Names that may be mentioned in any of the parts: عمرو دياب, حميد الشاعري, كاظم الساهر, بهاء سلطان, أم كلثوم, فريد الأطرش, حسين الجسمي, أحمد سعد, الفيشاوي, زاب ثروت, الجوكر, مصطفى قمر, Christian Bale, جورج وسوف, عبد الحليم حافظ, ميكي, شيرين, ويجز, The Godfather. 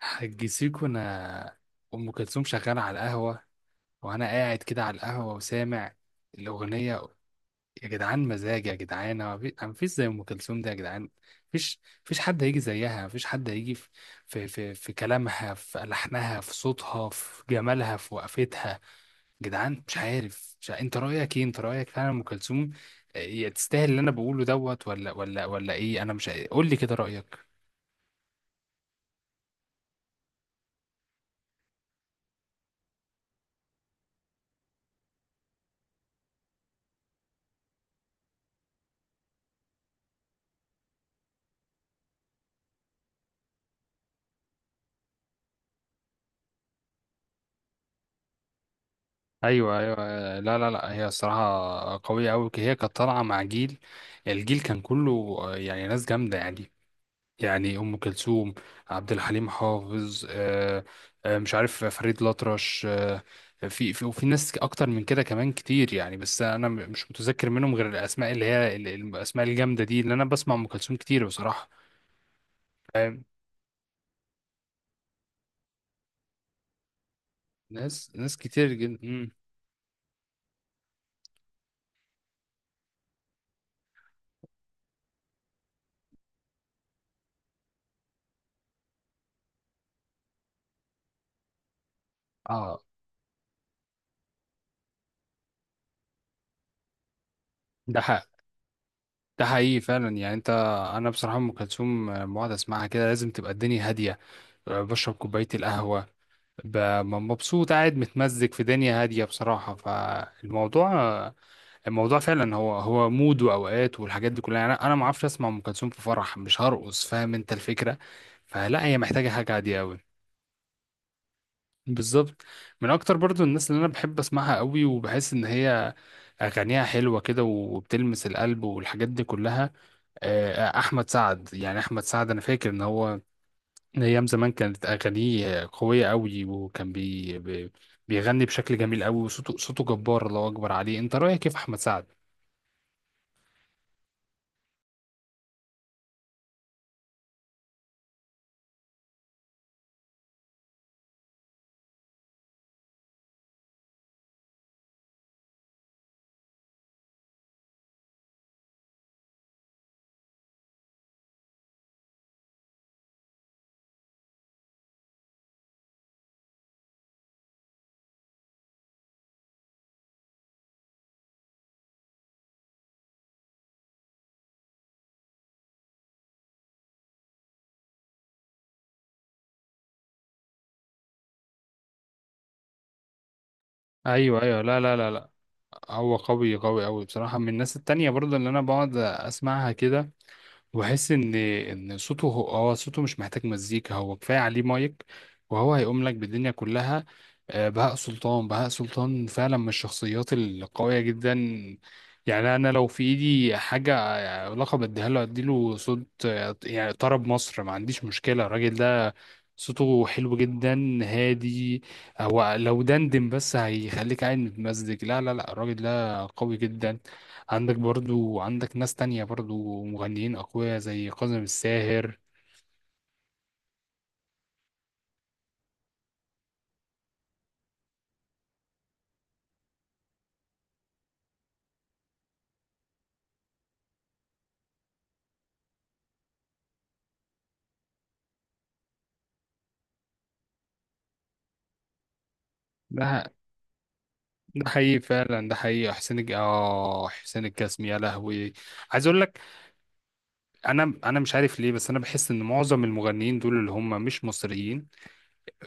حج سيكو، انا ام كلثوم شغاله على القهوه، وانا قاعد كده على القهوه وسامع الاغنيه. يا جدعان، مزاج، يا جدعان، ما فيش زي ام كلثوم ده، يا جدعان. مفيش مفيش حد هيجي زيها، مفيش حد هيجي في كلامها، في لحنها، في صوتها، في جمالها، في وقفتها، يا جدعان. مش عارف، مش عارف. انت رايك ايه؟ انت رايك فعلا ام كلثوم تستاهل اللي انا بقوله دوت، ولا ايه؟ انا مش، قول لي كده رايك. ايوه، ايوه، لا، لا، لا، هي الصراحه قويه قوي. هي كانت طالعه مع الجيل، كان كله يعني ناس جامده، يعني ام كلثوم، عبد الحليم حافظ، مش عارف، فريد الأطرش، في وفي ناس اكتر من كده كمان كتير، يعني بس انا مش متذكر منهم غير الاسماء اللي هي الاسماء الجامده دي. اللي انا بسمع ام كلثوم كتير بصراحه. فاهم؟ ناس، ناس كتير جدا. مم. اه، ده حق ده حقيقي فعلا، يعني انا بصراحه ام كلثوم لما اقعد اسمعها كده لازم تبقى الدنيا هاديه، بشرب كوبايه القهوه، ب- مبسوط قاعد متمزج في دنيا هاديه بصراحه. فالموضوع، الموضوع فعلا هو مود واوقات، والحاجات دي كلها، يعني أنا ما اعرفش اسمع ام كلثوم في فرح، مش هرقص، فاهم انت الفكره؟ فلا، هي محتاجه حاجه هاديه قوي. بالظبط. من اكتر برضو الناس اللي انا بحب اسمعها قوي وبحس ان هي اغانيها حلوه كده وبتلمس القلب والحاجات دي كلها، احمد سعد، يعني احمد سعد انا فاكر ان هو من ايام زمان كانت اغانيه قويه قوي، وكان بيغني بشكل جميل قوي، وصوته، صوته جبار، الله اكبر عليه. انت رايك كيف احمد سعد؟ ايوه، ايوه، لا، لا، لا، لا. هو قوي قوي قوي بصراحه، من الناس التانية برضه اللي انا بقعد اسمعها كده وأحس إن صوته، هو صوته مش محتاج مزيكا، هو كفاية عليه مايك وهو هيقوم لك بالدنيا كلها. بهاء سلطان، بهاء سلطان فعلا من الشخصيات القوية جدا. يعني أنا لو في إيدي حاجة، لقب اديها له، اديله صوت، يعني طرب مصر. ما عنديش مشكلة، الراجل ده صوته حلو جدا هادي، هو لو دندن بس هيخليك قاعد متمزج. لا، لا، لا، الراجل ده قوي جدا. عندك برضو، عندك ناس تانية برضو مغنيين أقوياء زي كاظم الساهر. ده ده حقيقي فعلا، ده حقيقي، حسين الج... اه حسين الجسمي، يا لهوي. عايز اقول لك، انا مش عارف ليه، بس انا بحس ان معظم المغنيين دول اللي هم مش مصريين،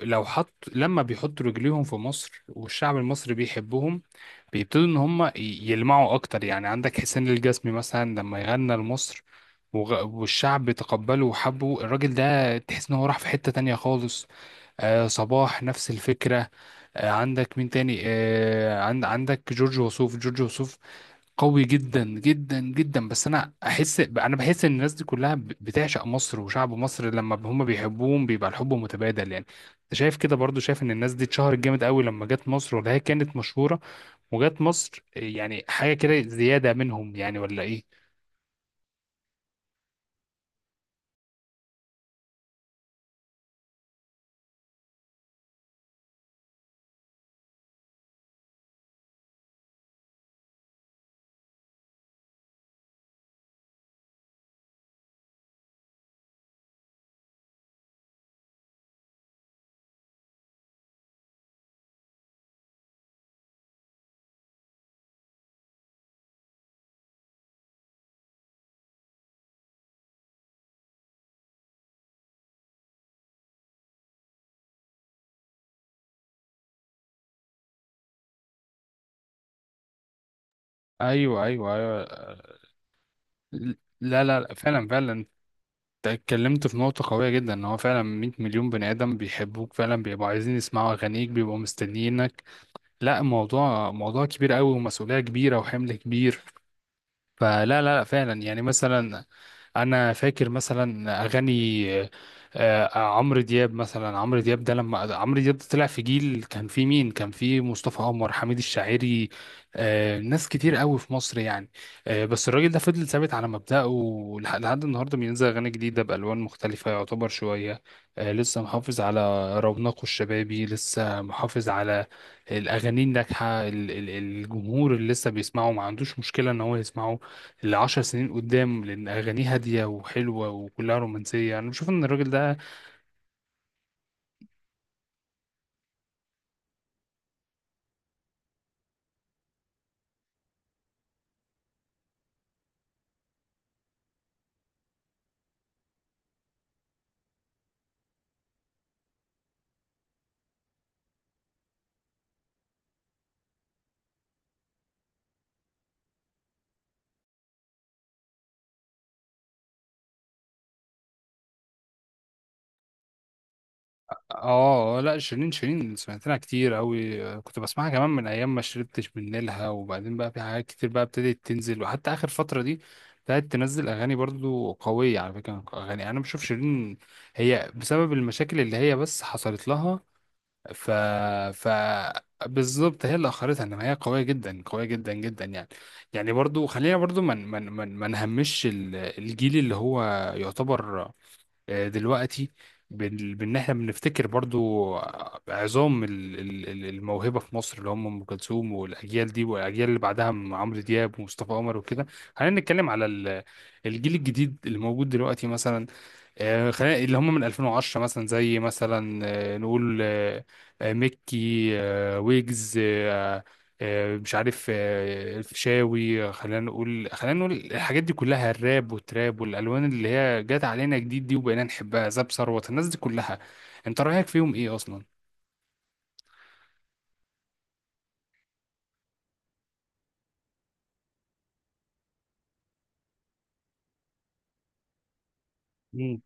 لو حط، لما بيحطوا رجليهم في مصر والشعب المصري بيحبهم، بيبتدوا ان هم يلمعوا اكتر، يعني عندك حسين الجسمي مثلا، لما يغنى لمصر والشعب تقبله وحبه، الراجل ده تحس ان هو راح في حتة تانية خالص. آه، صباح نفس الفكرة. آه، عندك مين تاني؟ عندك جورج وسوف، جورج وسوف قوي جدا جدا جدا. بس انا احس، انا بحس ان الناس دي كلها بتعشق مصر وشعب مصر، لما هم بيحبوهم بيبقى الحب متبادل، يعني انت شايف كده؟ برضو شايف ان الناس دي اتشهرت جامد قوي لما جت مصر، ولا هي كانت مشهورة وجت مصر؟ يعني حاجة كده زيادة منهم يعني، ولا ايه؟ ايوه، ايوه، ايوه، لا، لا، لا، فعلا، فعلا انت اتكلمت في نقطة قوية جدا، ان هو فعلا 100 مليون بني ادم بيحبوك فعلا، بيبقوا عايزين يسمعوا اغانيك، بيبقوا مستنيينك. لا، موضوع، موضوع كبير قوي، ومسؤولية كبيرة، وحمل كبير. فلا، لا، لا، فعلا يعني مثلا، انا فاكر مثلا اغاني، عمرو دياب مثلا، عمرو دياب ده، لما عمرو دياب ده طلع في جيل، كان فيه مين؟ كان فيه مصطفى قمر، حميد الشاعري، ناس كتير قوي في مصر يعني، بس الراجل ده فضل ثابت على مبدأه، لحد النهارده بينزل اغاني جديده بالوان مختلفه، يعتبر شويه، لسه محافظ على رونقه الشبابي، لسه محافظ على الاغاني الناجحه، الجمهور اللي لسه بيسمعه ما عندوش مشكله ان هو يسمعه لعشر سنين قدام، لأن أغانيه هادية وحلوة وكلها رومانسية. أنا بشوف إن الراجل ده... آه، لا، شيرين، شيرين سمعت لها كتير أوي، كنت بسمعها كمان من أيام ما شربتش من نيلها. وبعدين بقى في حاجات كتير بقى ابتدت تنزل، وحتى آخر فترة دي بدأت تنزل أغاني برضو قوية على فكرة. أغاني، أنا بشوف شيرين هي بسبب المشاكل اللي هي بس حصلت لها، ف ف بالظبط هي اللي اخرتها، ان هي قويه جدا، قويه جدا جدا يعني. يعني برضو خلينا، برضو ما من من من ما نهمش الجيل اللي هو يعتبر دلوقتي، بان احنا بنفتكر برضو عظام الموهبه في مصر، اللي هم ام كلثوم والاجيال دي والاجيال اللي بعدها من عمرو دياب ومصطفى قمر وكده. خلينا نتكلم على الجيل الجديد اللي موجود دلوقتي مثلا، خلينا اللي هم من 2010 مثلا، زي مثلا نقول ميكي، ويجز، مش عارف، الفيشاوي، خلينا نقول، خلينا نقول الحاجات دي كلها، الراب والتراب والالوان اللي هي جت علينا جديد دي وبقينا نحبها، زاب ثروت، الناس دي كلها انت رايك فيهم ايه اصلا؟ مم.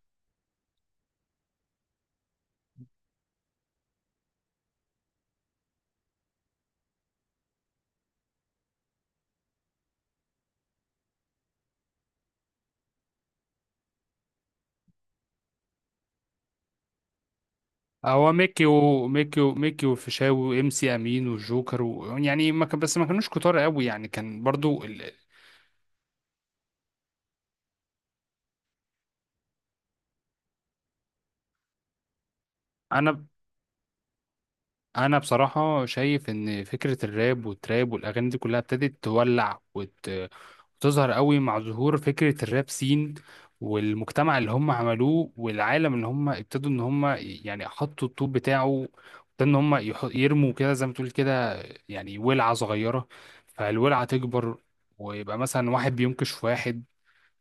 هو ميكي وميكي وميكي والفيشاوي وام سي امين والجوكر و... يعني ما كان، بس ما كانوش كتار قوي يعني، كان برضو ال... انا انا بصراحه شايف ان فكره الراب والتراب والاغاني دي كلها ابتدت تولع وتظهر قوي مع ظهور فكره الراب سين، والمجتمع اللي هم عملوه، والعالم اللي هم ابتدوا ان هم يعني حطوا الطوب بتاعه، وابتدوا ان هم يرموا كده زي ما تقول كده، يعني ولعه صغيره، فالولعه تكبر، ويبقى مثلا واحد بينكش في واحد،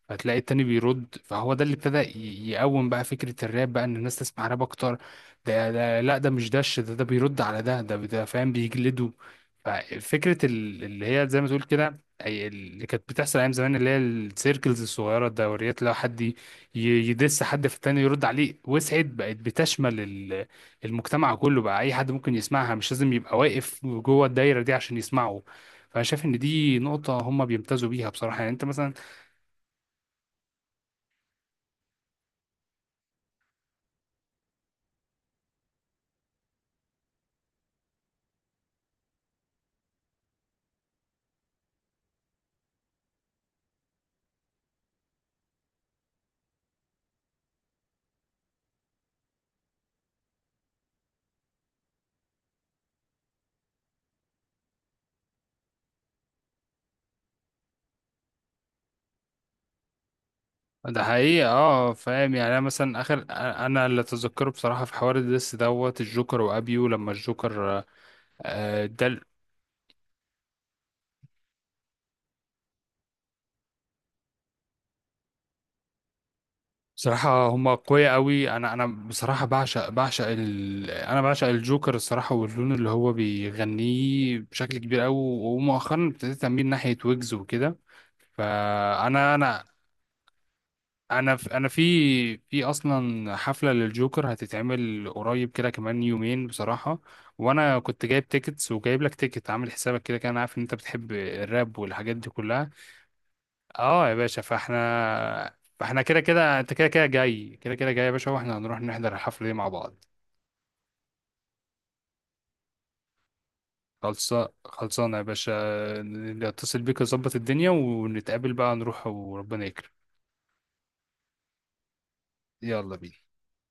فتلاقي التاني بيرد، فهو ده اللي ابتدى يقوم بقى فكرة الراب بقى، ان الناس تسمع راب اكتر. ده، ده لا، ده مش، دش، ده، ده بيرد على ده، ده، ده فاهم، بيجلده. ففكرة اللي هي زي ما تقول كده، اللي كانت بتحصل ايام زمان، اللي هي السيركلز الصغيرة، الدوريات، لو حد يدس حد في التاني يرد عليه، وسعت بقت بتشمل المجتمع كله بقى، اي حد ممكن يسمعها، مش لازم يبقى واقف جوه الدايرة دي عشان يسمعه. فانا شايف ان دي نقطة هم بيمتازوا بيها بصراحة، يعني انت مثلا... ده حقيقة، اه، فاهم، يعني انا مثلا اخر، انا اللي اتذكره بصراحة في حوار الدس دوت الجوكر وابيو، لما الجوكر ده... بصراحة هما قوية قوي، انا بصراحة بعشق، انا بعشق الجوكر الصراحة، واللون اللي هو بيغنيه بشكل كبير قوي، ومؤخرا ابتديت اميل ناحية ويجز وكده. فانا انا انا في انا في في اصلا حفله للجوكر هتتعمل قريب كده، كمان يومين بصراحه، وانا كنت جايب تيكتس وجايب لك تيكت، عامل حسابك كده، كان عارف ان انت بتحب الراب والحاجات دي كلها. اه يا باشا، فاحنا كده كده، انت كده كده جاي، كده كده جاي يا باشا، واحنا هنروح نحضر الحفله دي مع بعض. خلصا، خلصانه يا باشا، اتصل بيك، اظبط الدنيا، ونتقابل بقى، نروح وربنا يكرم. يلا بينا.